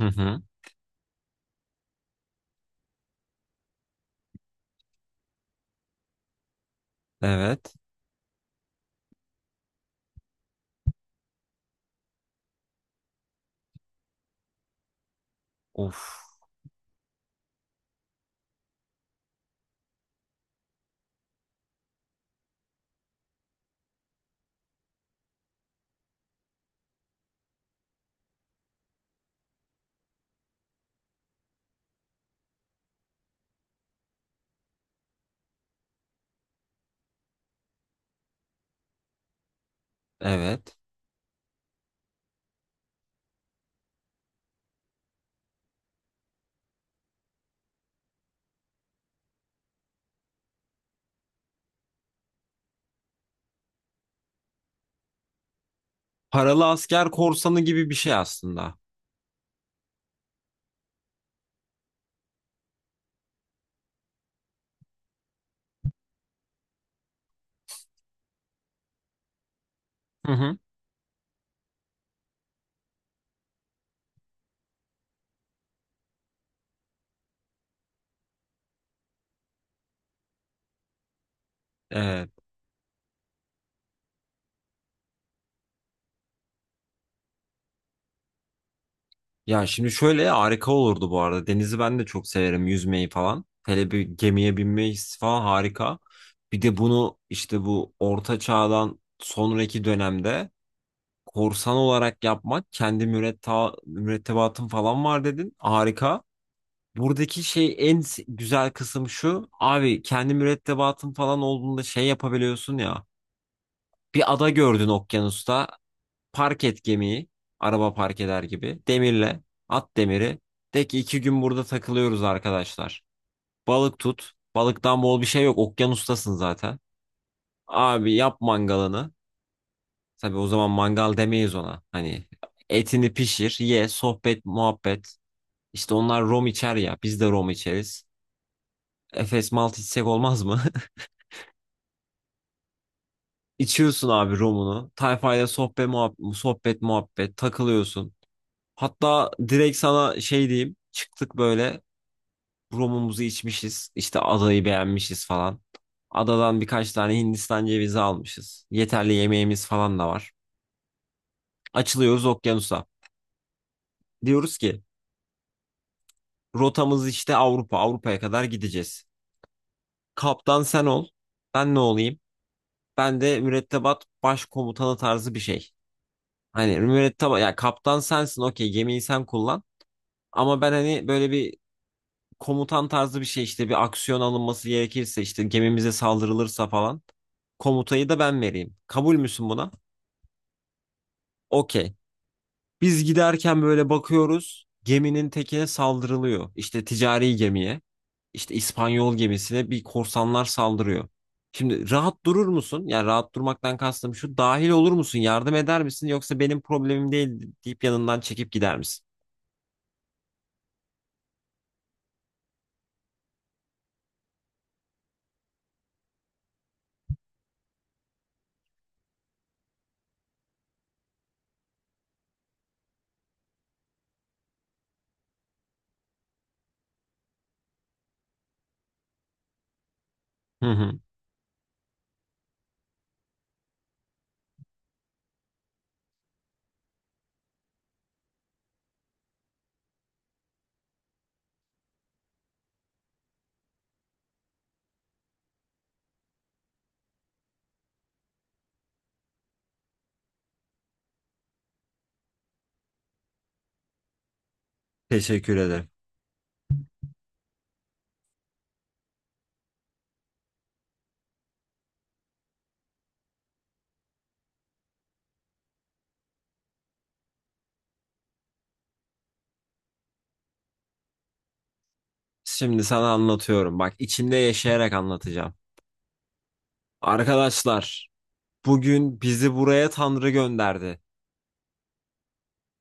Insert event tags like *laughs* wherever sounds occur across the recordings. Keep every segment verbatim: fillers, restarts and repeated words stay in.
Hı hı. Evet. Of. Evet. Paralı asker korsanı gibi bir şey aslında. Hı hı. Evet. Ya şimdi şöyle harika olurdu bu arada. Denizi ben de çok severim yüzmeyi falan. Hele bir gemiye binmeyi falan harika. Bir de bunu işte bu orta çağdan sonraki dönemde korsan olarak yapmak kendi müretta, mürettebatın falan var dedin. Harika. Buradaki şey en s- güzel kısım şu. Abi kendi mürettebatın falan olduğunda şey yapabiliyorsun ya. Bir ada gördün okyanusta. Park et gemiyi. Araba park eder gibi. Demirle. At demiri. De ki iki gün burada takılıyoruz arkadaşlar. Balık tut. Balıktan bol bir şey yok. Okyanustasın zaten. Abi yap mangalını. Tabii o zaman mangal demeyiz ona. Hani etini pişir, ye, sohbet, muhabbet. İşte onlar rom içer ya. Biz de rom içeriz. Efes malt içsek olmaz mı? *laughs* İçiyorsun abi romunu. Tayfayla sohbet, muhabbet, sohbet, muhabbet. Takılıyorsun. Hatta direkt sana şey diyeyim. Çıktık böyle romumuzu içmişiz. İşte adayı beğenmişiz falan. Adadan birkaç tane Hindistan cevizi almışız. Yeterli yemeğimiz falan da var. Açılıyoruz okyanusa. Diyoruz ki rotamız işte Avrupa. Avrupa'ya kadar gideceğiz. Kaptan sen ol. Ben ne olayım? Ben de mürettebat başkomutanı tarzı bir şey. Hani mürettebat ya kaptan sensin okey gemiyi sen kullan. Ama ben hani böyle bir komutan tarzı bir şey işte bir aksiyon alınması gerekirse işte gemimize saldırılırsa falan komutayı da ben vereyim. Kabul müsün buna? Okey. Biz giderken böyle bakıyoruz geminin tekine saldırılıyor. İşte ticari gemiye işte İspanyol gemisine bir korsanlar saldırıyor. Şimdi rahat durur musun? Yani rahat durmaktan kastım şu dahil olur musun? Yardım eder misin? Yoksa benim problemim değil deyip yanından çekip gider misin? Hı hı. Teşekkür ederim. Şimdi sana anlatıyorum. Bak içinde yaşayarak anlatacağım. Arkadaşlar, bugün bizi buraya Tanrı gönderdi.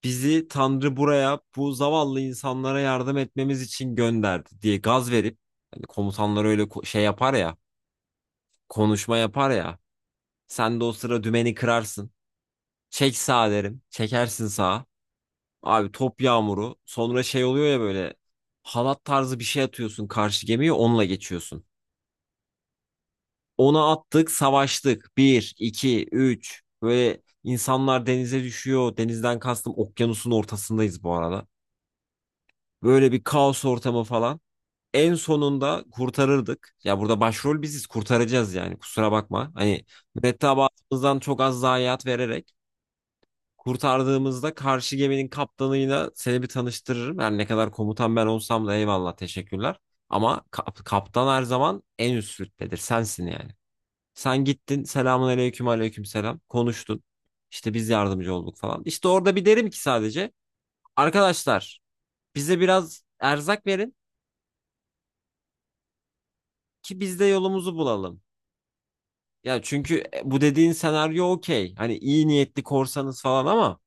Bizi Tanrı buraya bu zavallı insanlara yardım etmemiz için gönderdi diye gaz verip hani komutanlar öyle ko- şey yapar ya, konuşma yapar ya. Sen de o sıra dümeni kırarsın. Çek sağa derim. Çekersin sağa. Abi top yağmuru. Sonra şey oluyor ya böyle halat tarzı bir şey atıyorsun karşı gemiye onunla geçiyorsun. Onu attık, savaştık. Bir, iki, üç. Böyle insanlar denize düşüyor. Denizden kastım okyanusun ortasındayız bu arada. Böyle bir kaos ortamı falan. En sonunda kurtarırdık. Ya burada başrol biziz, kurtaracağız yani. Kusura bakma. Hani mürettebatımızdan çok az zayiat vererek kurtardığımızda karşı geminin kaptanıyla seni bir tanıştırırım. Yani ne kadar komutan ben olsam da eyvallah, teşekkürler. Ama kap- kaptan her zaman en üst rütbedir. Sensin yani. Sen gittin selamun aleyküm aleyküm selam konuştun. İşte biz yardımcı olduk falan. İşte orada bir derim ki sadece arkadaşlar bize biraz erzak verin ki biz de yolumuzu bulalım. Ya çünkü e, bu dediğin senaryo okey. Hani iyi niyetli korsanız falan ama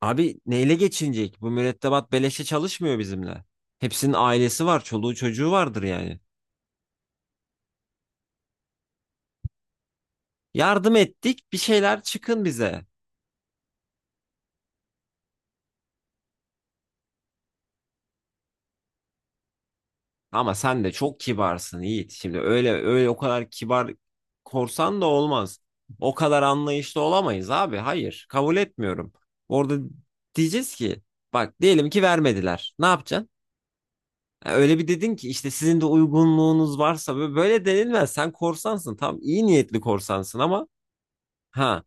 abi neyle geçinecek? Bu mürettebat beleşe çalışmıyor bizimle. Hepsinin ailesi var, çoluğu çocuğu vardır yani. Yardım ettik, bir şeyler çıkın bize. Ama sen de çok kibarsın Yiğit. Şimdi öyle öyle o kadar kibar korsan da olmaz. O kadar anlayışlı olamayız abi. Hayır, kabul etmiyorum. Orada diyeceğiz ki bak diyelim ki vermediler. Ne yapacaksın? Ha, öyle bir dedin ki işte sizin de uygunluğunuz varsa böyle böyle denilmez. Sen korsansın. Tam iyi niyetli korsansın ama ha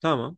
tamam.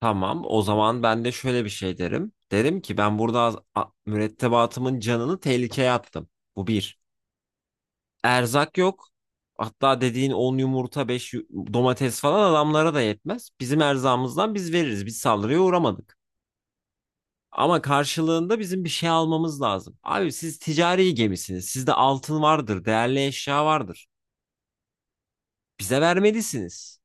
Tamam o zaman ben de şöyle bir şey derim. Derim ki ben burada az- a- mürettebatımın canını tehlikeye attım. Bu bir. Erzak yok. Hatta dediğin on yumurta beş domates falan adamlara da yetmez. Bizim erzağımızdan biz veririz. Biz saldırıya uğramadık. Ama karşılığında bizim bir şey almamız lazım. Abi siz ticari gemisiniz. Sizde altın vardır, değerli eşya vardır. Bize vermelisiniz.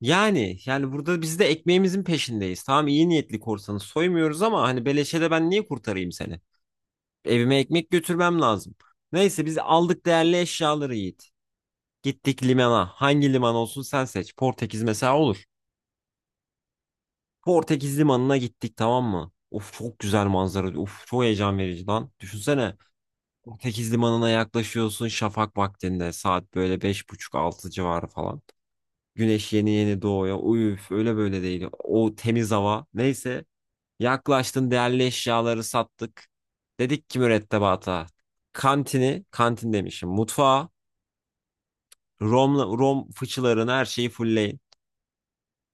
Yani yani burada biz de ekmeğimizin peşindeyiz. Tamam iyi niyetli korsanı soymuyoruz ama hani beleşe de ben niye kurtarayım seni? Evime ekmek götürmem lazım. Neyse biz aldık değerli eşyaları Yiğit. Gittik limana. Hangi liman olsun sen seç. Portekiz mesela olur. Portekiz limanına gittik tamam mı? Of çok güzel manzara. Of çok heyecan verici lan. Düşünsene. Portekiz limanına yaklaşıyorsun şafak vaktinde. Saat böyle beş buçuk altı civarı falan. Güneş yeni yeni doğuyor. Uyuf öyle böyle değil. O temiz hava. Neyse. Yaklaştın değerli eşyaları sattık. Dedik ki mürettebata. Kantini, kantin demişim. Mutfağı, Rom, Rom fıçılarını her şeyi fullleyin.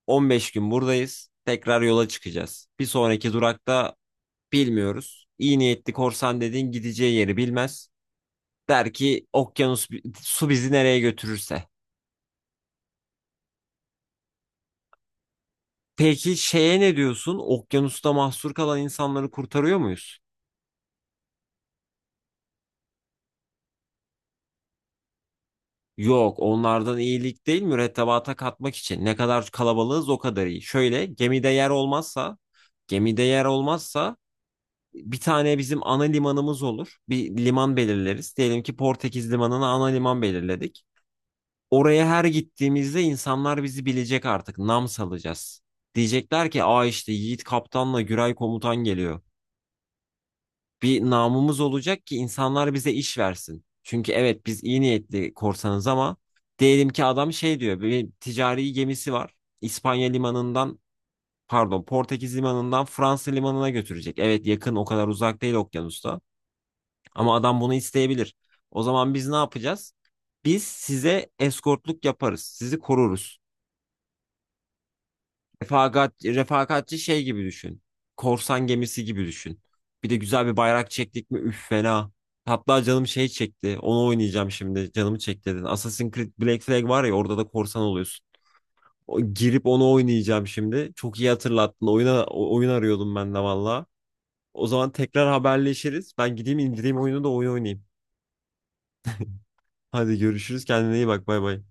on beş gün buradayız. Tekrar yola çıkacağız. Bir sonraki durakta bilmiyoruz. İyi niyetli korsan dediğin gideceği yeri bilmez. Der ki okyanus su bizi nereye götürürse. Peki şeye ne diyorsun? Okyanusta mahsur kalan insanları kurtarıyor muyuz? Yok, onlardan iyilik değil mürettebata katmak için. Ne kadar kalabalığız o kadar iyi. Şöyle gemide yer olmazsa, gemide yer olmazsa bir tane bizim ana limanımız olur. Bir liman belirleriz. Diyelim ki Portekiz limanına ana liman belirledik. Oraya her gittiğimizde insanlar bizi bilecek artık. Nam salacağız. Diyecekler ki aa işte Yiğit Kaptan'la Güray Komutan geliyor. Bir namımız olacak ki insanlar bize iş versin. Çünkü evet biz iyi niyetli korsanız ama diyelim ki adam şey diyor bir ticari gemisi var. İspanya limanından pardon Portekiz limanından Fransa limanına götürecek. Evet yakın o kadar uzak değil okyanusta. Ama adam bunu isteyebilir. O zaman biz ne yapacağız? Biz size eskortluk yaparız. Sizi koruruz. Refakat, refakatçi şey gibi düşün. Korsan gemisi gibi düşün. Bir de güzel bir bayrak çektik mi üf fena. Hatta canım şey çekti. Onu oynayacağım şimdi. Canımı çekti dedin. Assassin's Creed Black Flag var ya orada da korsan oluyorsun. O, girip onu oynayacağım şimdi. Çok iyi hatırlattın. Oyuna, o- oyun arıyordum ben de valla. O zaman tekrar haberleşiriz. Ben gideyim indireyim oyunu da oyun oynayayım. Hadi görüşürüz. Kendine iyi bak. Bay bay.